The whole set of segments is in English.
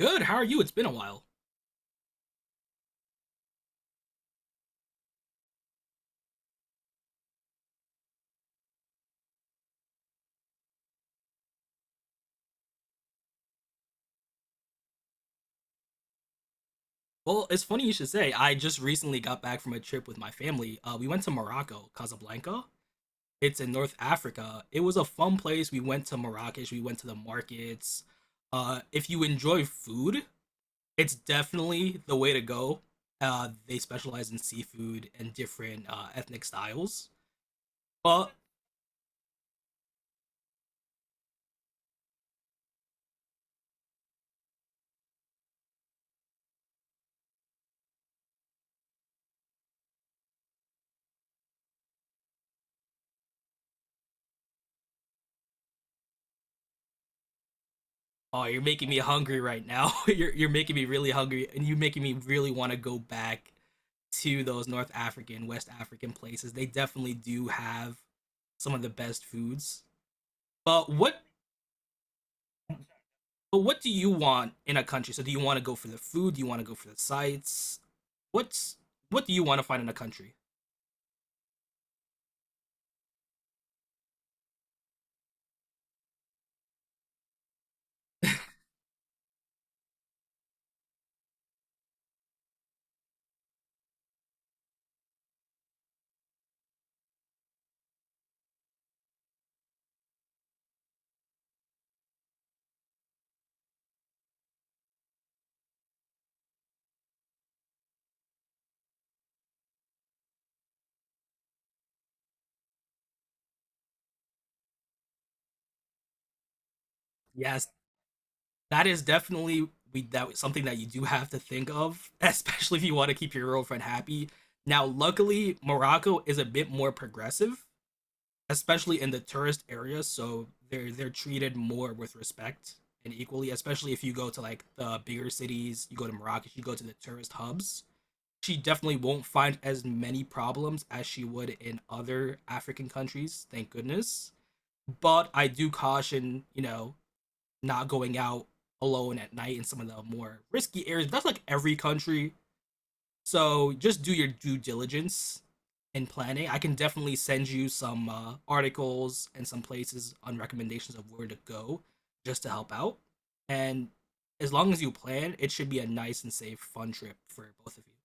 Good. How are you? It's been a while. Well, it's funny you should say. I just recently got back from a trip with my family. We went to Morocco, Casablanca. It's in North Africa. It was a fun place. We went to Marrakesh. We went to the markets. If you enjoy food, it's definitely the way to go. They specialize in seafood and different ethnic styles. But oh, you're making me hungry right now. You're making me really hungry, and you're making me really want to go back to those North African, West African places, they definitely do have some of the best foods. But what but what do you want in a country? So do you want to go for the food? Do you want to go for the sights? What's what do you want to find in a country? Yes, that is definitely we that something that you do have to think of, especially if you want to keep your girlfriend happy. Now, luckily, Morocco is a bit more progressive especially in the tourist areas, so they're treated more with respect and equally, especially if you go to like the bigger cities, you go to Morocco, you go to the tourist hubs. She definitely won't find as many problems as she would in other African countries, thank goodness. But I do caution, you know, not going out alone at night in some of the more risky areas. That's like every country, so just do your due diligence in planning. I can definitely send you some articles and some places on recommendations of where to go just to help out. And as long as you plan, it should be a nice and safe, fun trip for both of you.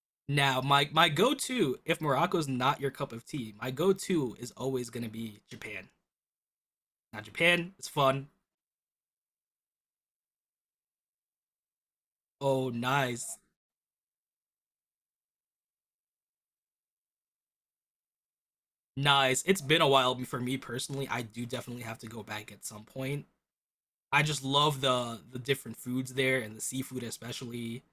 Now, my go-to, if Morocco's not your cup of tea, my go-to is always gonna be Japan. Now, Japan, it's fun. Oh, nice, nice. It's been a while for me personally. I do definitely have to go back at some point. I just love the different foods there and the seafood especially.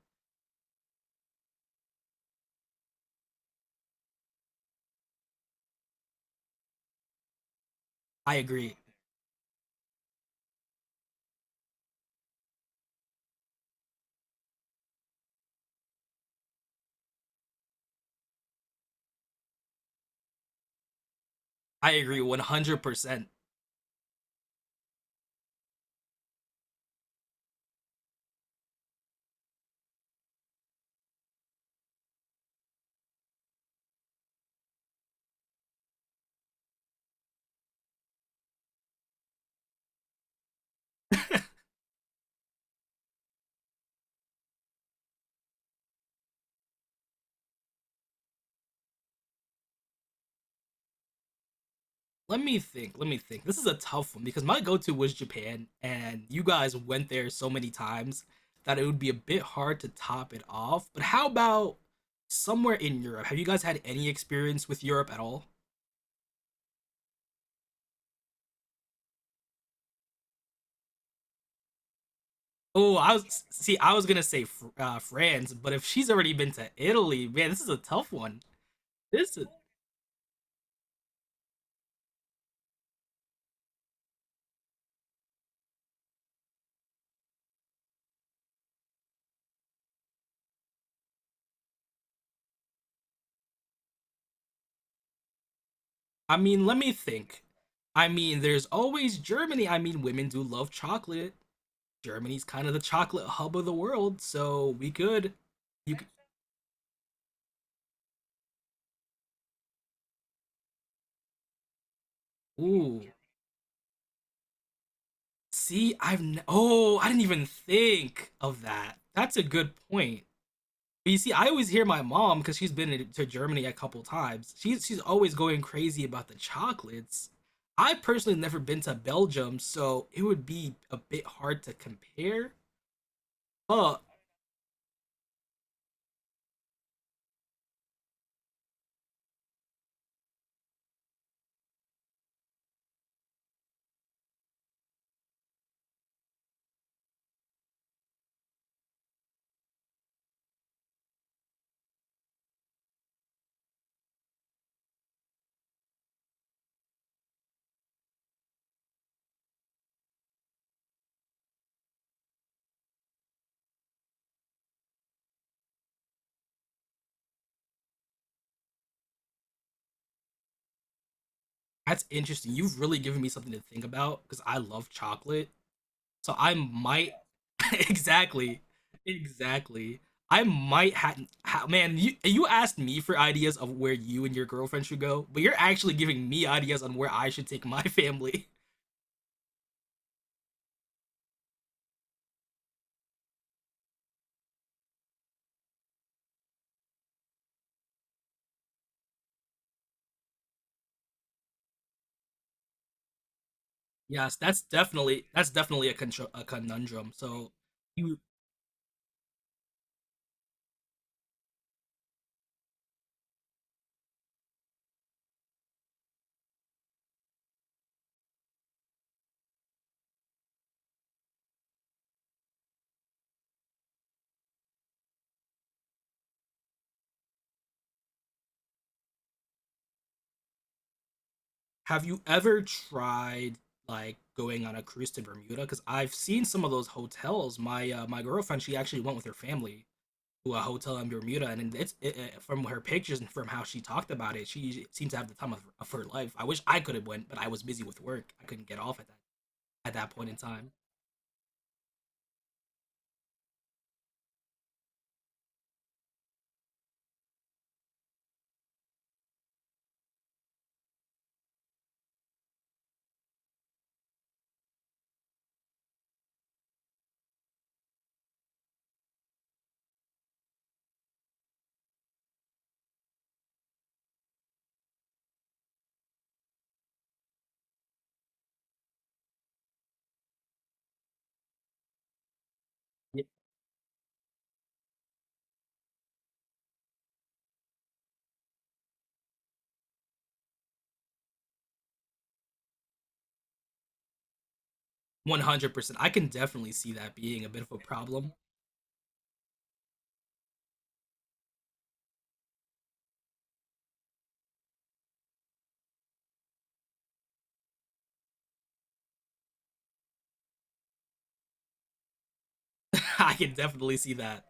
I agree. I agree 100%. Let me think. Let me think. This is a tough one because my go-to was Japan and you guys went there so many times that it would be a bit hard to top it off. But how about somewhere in Europe? Have you guys had any experience with Europe at all? Oh, I was see. I was gonna say France, but if she's already been to Italy, man, this is a tough one. This is I mean, let me think. I mean, there's always Germany. I mean, women do love chocolate. Germany's kind of the chocolate hub of the world, so we could. You could, ooh. See, oh, I didn't even think of that. That's a good point. But you see, I always hear my mom because to Germany a couple times. She's always going crazy about the chocolates. I personally never been to Belgium, so it would be a bit hard to compare. But that's interesting. You've really given me something to think about because I love chocolate. So I might exactly, exactly. I might have ha- Man. You asked me for ideas of where you and your girlfriend should go, but you're actually giving me ideas on where I should take my family. Yes, that's definitely a contr a conundrum. So you have you ever tried like going on a cruise to Bermuda? Because I've seen some of those hotels. My my girlfriend, she actually went with her family to a hotel in Bermuda, and from her pictures and from how she talked about it, she seems to have the time of her life. I wish I could have went, but I was busy with work. I couldn't get off at that point in time. 100%, I can definitely see that being a bit of a problem. I can definitely see that.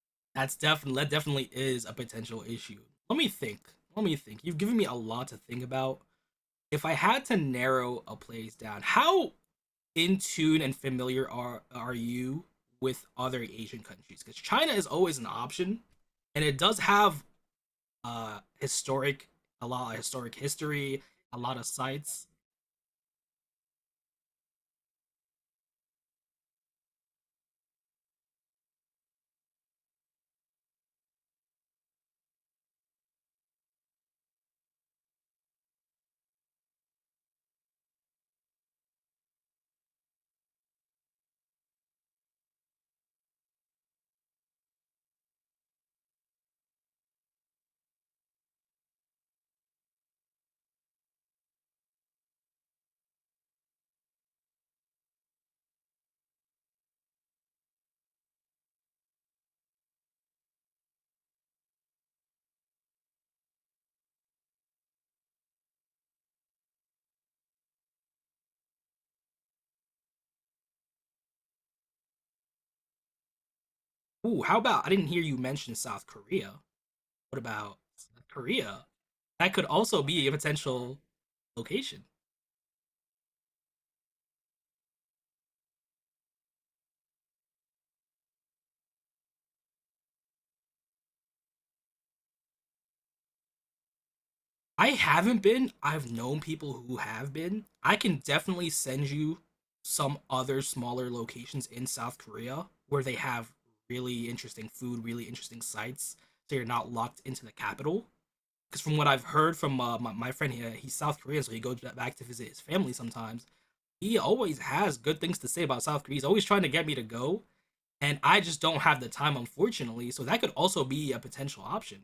That definitely is a potential issue. Let me think. Let me think. You've given me a lot to think about. If I had to narrow a place down, how in tune and familiar are you with other Asian countries? Because China is always an option, and it does have historic a lot of historic history, a lot of sites. Ooh, how about, I didn't hear you mention South Korea. What about South Korea? That could also be a potential location. I haven't been. I've known people who have been. I can definitely send you some other smaller locations in South Korea where they have really interesting food, really interesting sites, so you're not locked into the capital. Because from what I've heard from my friend here, he's South Korean, so he goes back to visit his family sometimes. He always has good things to say about South Korea. He's always trying to get me to go, and I just don't have the time, unfortunately. So that could also be a potential option.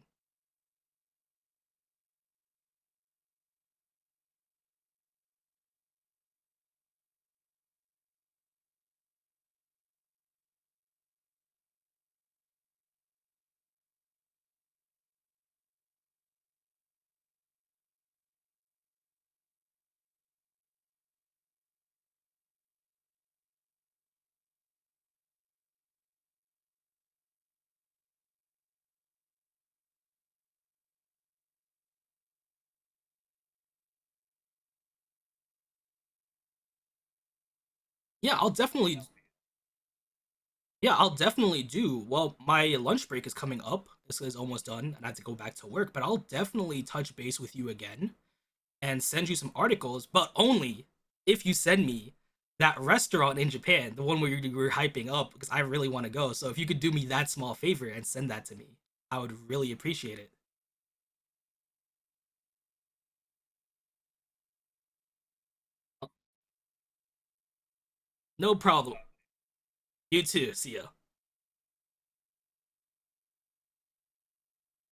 Yeah, I'll definitely Yeah, I'll definitely do. Well, my lunch break is coming up. This is almost done, and I have to go back to work, but I'll definitely touch base with you again and send you some articles, but only if you send me that restaurant in Japan, the one where you were hyping up, because I really want to go. So if you could do me that small favor and send that to me, I would really appreciate it. No problem. You too. See ya.